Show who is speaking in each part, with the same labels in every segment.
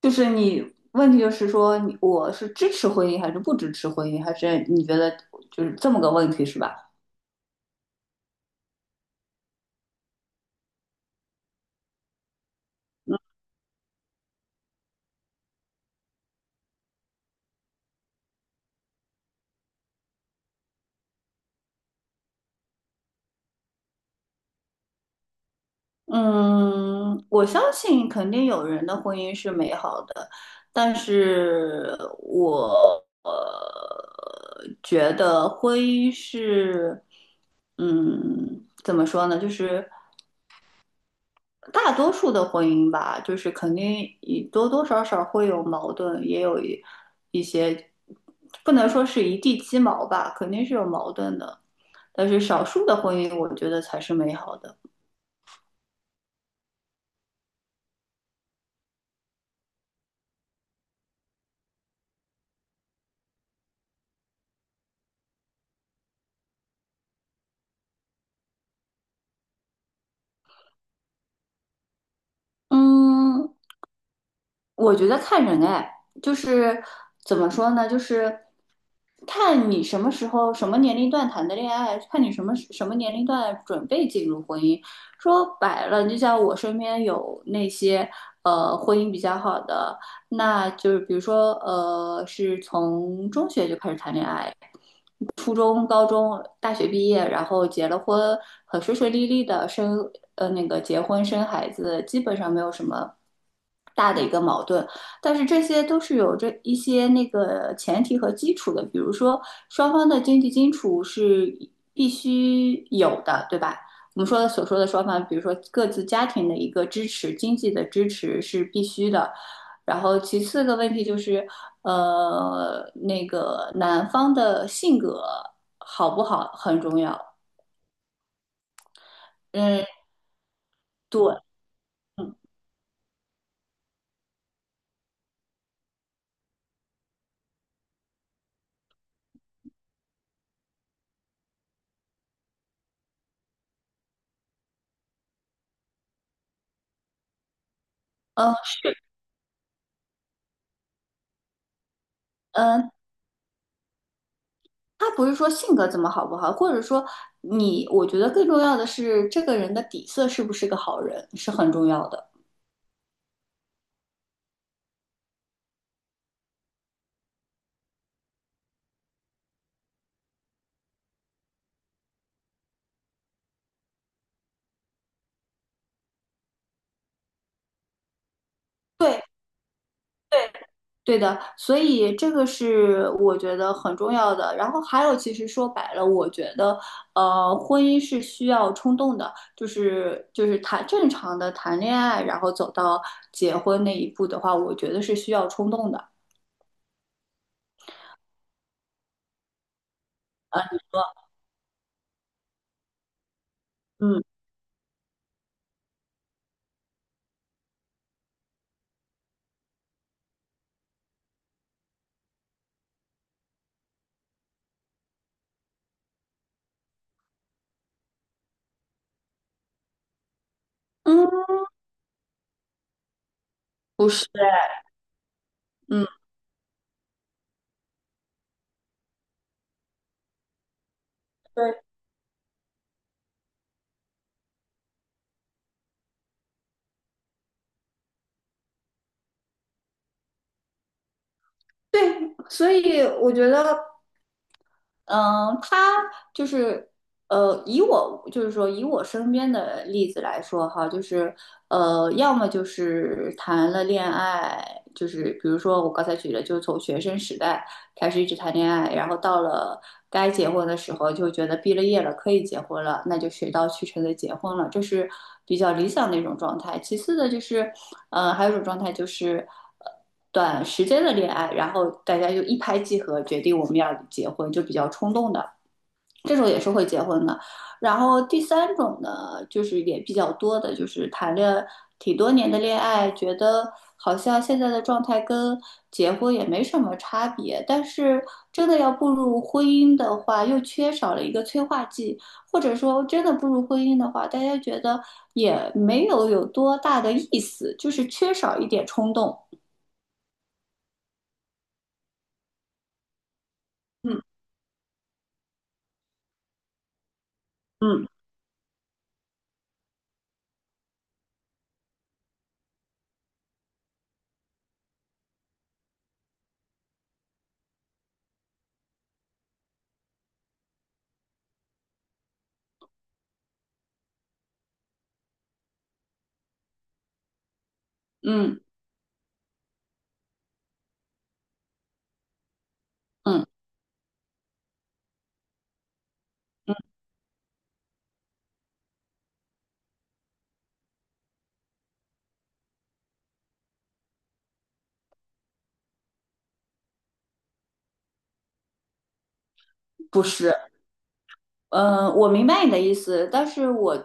Speaker 1: 就是你问题就是说你我是支持婚姻还是不支持婚姻，还是你觉得就是这么个问题是吧？嗯，我相信肯定有人的婚姻是美好的，但是我觉得婚姻是，怎么说呢？就是大多数的婚姻吧，就是肯定也多多少少会有矛盾，也有一些，不能说是一地鸡毛吧，肯定是有矛盾的。但是少数的婚姻，我觉得才是美好的。嗯，我觉得看人哎，就是怎么说呢，就是看你什么时候、什么年龄段谈的恋爱，看你什么年龄段准备进入婚姻。说白了，就像我身边有那些婚姻比较好的，那就是比如说是从中学就开始谈恋爱，初中、高中、大学毕业，然后结了婚，很顺顺利利的生呃那个结婚生孩子，基本上没有什么大的一个矛盾。但是这些都是有着一些那个前提和基础的，比如说双方的经济基础是必须有的，对吧？我们说的所说的双方，比如说各自家庭的一个支持，经济的支持是必须的，然后其次的问题就是，那个男方的性格好不好很重要。嗯，对，嗯嗯，是，嗯，他不是说性格怎么好不好，或者说我觉得更重要的是这个人的底色是不是个好人是很重要的。对，对。对的，所以这个是我觉得很重要的。然后还有，其实说白了，我觉得，婚姻是需要冲动的，就是谈正常的谈恋爱，然后走到结婚那一步的话，我觉得是需要冲动的。嗯嗯，不是，嗯，对对，所以我觉得。嗯，他就是，以我就是说，以我身边的例子来说哈，就是，要么就是谈了恋爱，就是比如说我刚才举的，就是从学生时代，开始一直谈恋爱，然后到了该结婚的时候，就觉得毕了业了可以结婚了，那就水到渠成的结婚了，这是比较理想的一种状态。其次的就是，还有一种状态就是呃短时间的恋爱，然后大家就一拍即合，决定我们要结婚，就比较冲动的。这种也是会结婚的。然后第三种呢，就是也比较多的，就是谈了挺多年的恋爱，觉得好像现在的状态跟结婚也没什么差别，但是真的要步入婚姻的话，又缺少了一个催化剂，或者说真的步入婚姻的话，大家觉得也没有有多大的意思，就是缺少一点冲动。嗯嗯嗯嗯，不是。嗯，我明白你的意思，但是我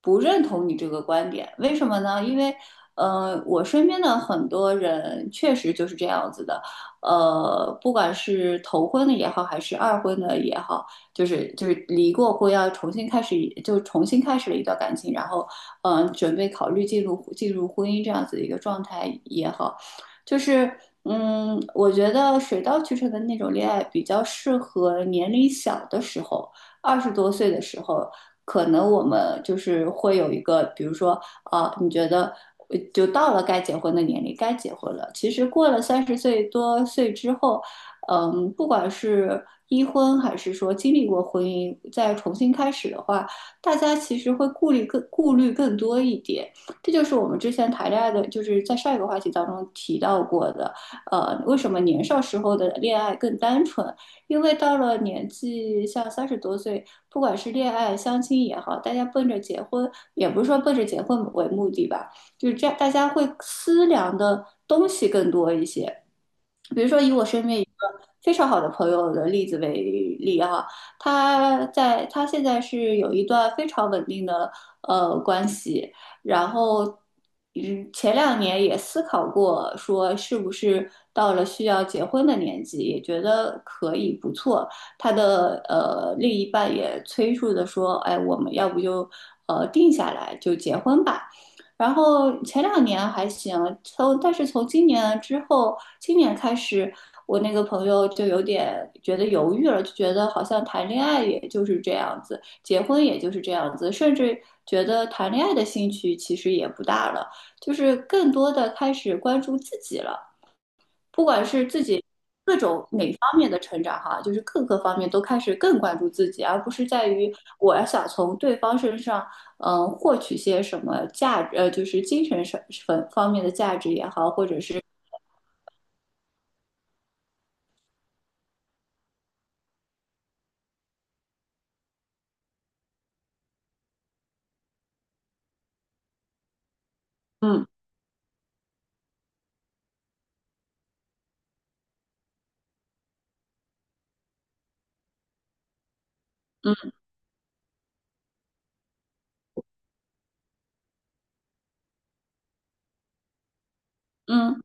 Speaker 1: 不认同你这个观点。为什么呢？因为，我身边的很多人确实就是这样子的。不管是头婚的也好，还是二婚的也好，就是离过婚，要重新开始了一段感情，然后，准备考虑进入婚姻这样子的一个状态也好，就是。我觉得水到渠成的那种恋爱比较适合年龄小的时候，二十多岁的时候，可能我们就是会有一个，比如说，啊，你觉得就到了该结婚的年龄，该结婚了。其实过了三十岁多岁之后，不管是一婚还是说经历过婚姻再重新开始的话，大家其实会顾虑更多一点。这就是我们之前谈恋爱的，就是在上一个话题当中提到过的，为什么年少时候的恋爱更单纯？因为到了年纪像三十多岁，不管是恋爱、相亲也好，大家奔着结婚，也不是说奔着结婚为目的吧，就是这样，大家会思量的东西更多一些。比如说，以我身边一个非常好的朋友的例子为例啊，他现在是有一段非常稳定的关系，然后前两年也思考过说是不是到了需要结婚的年纪，也觉得可以不错。他的另一半也催促的说，哎，我们要不就定下来就结婚吧。然后前两年还行，但是从今年之后，今年开始，我那个朋友就有点觉得犹豫了，就觉得好像谈恋爱也就是这样子，结婚也就是这样子，甚至觉得谈恋爱的兴趣其实也不大了，就是更多的开始关注自己了。不管是自己各种哪方面的成长哈，就是各个方面都开始更关注自己，而不是在于我要想从对方身上，获取些什么价值，就是精神上方方面的价值也好，或者是嗯嗯嗯，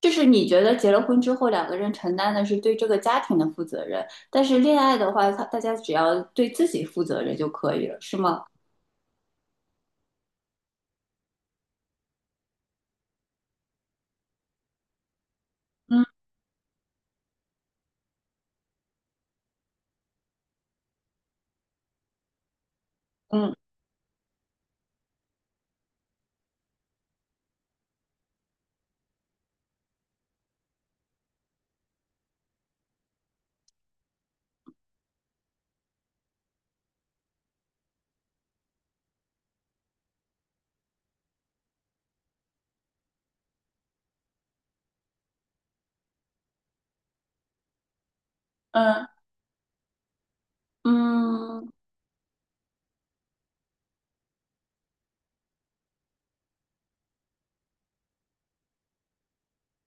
Speaker 1: 就是你觉得结了婚之后两个人承担的是对这个家庭的负责任，但是恋爱的话，大家只要对自己负责任就可以了，是吗？嗯嗯嗯嗯。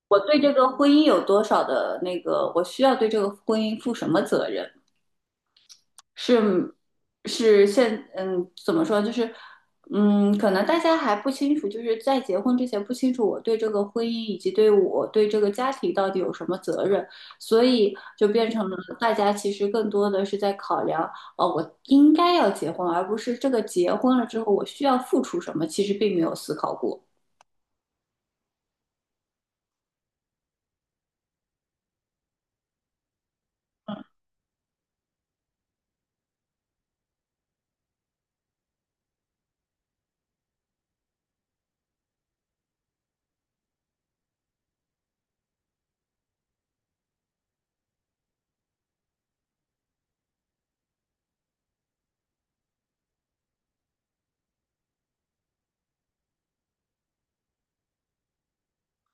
Speaker 1: 我对这个婚姻有多少的那个，我需要对这个婚姻负什么责任？是，是，怎么说？就是可能大家还不清楚，就是在结婚之前不清楚我对这个婚姻以及对这个家庭到底有什么责任，所以就变成了大家其实更多的是在考量，哦，我应该要结婚，而不是这个结婚了之后我需要付出什么，其实并没有思考过。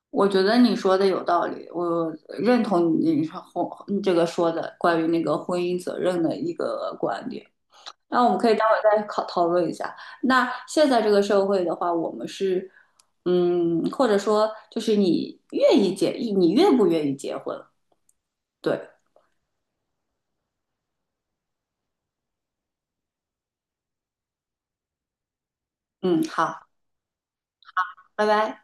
Speaker 1: 我觉得你说的有道理，我认同你说婚这个说的关于那个婚姻责任的一个观点。那我们可以待会儿再讨论一下。那现在这个社会的话，我们是，或者说就是你愿不愿意结婚？对，嗯，好，拜拜。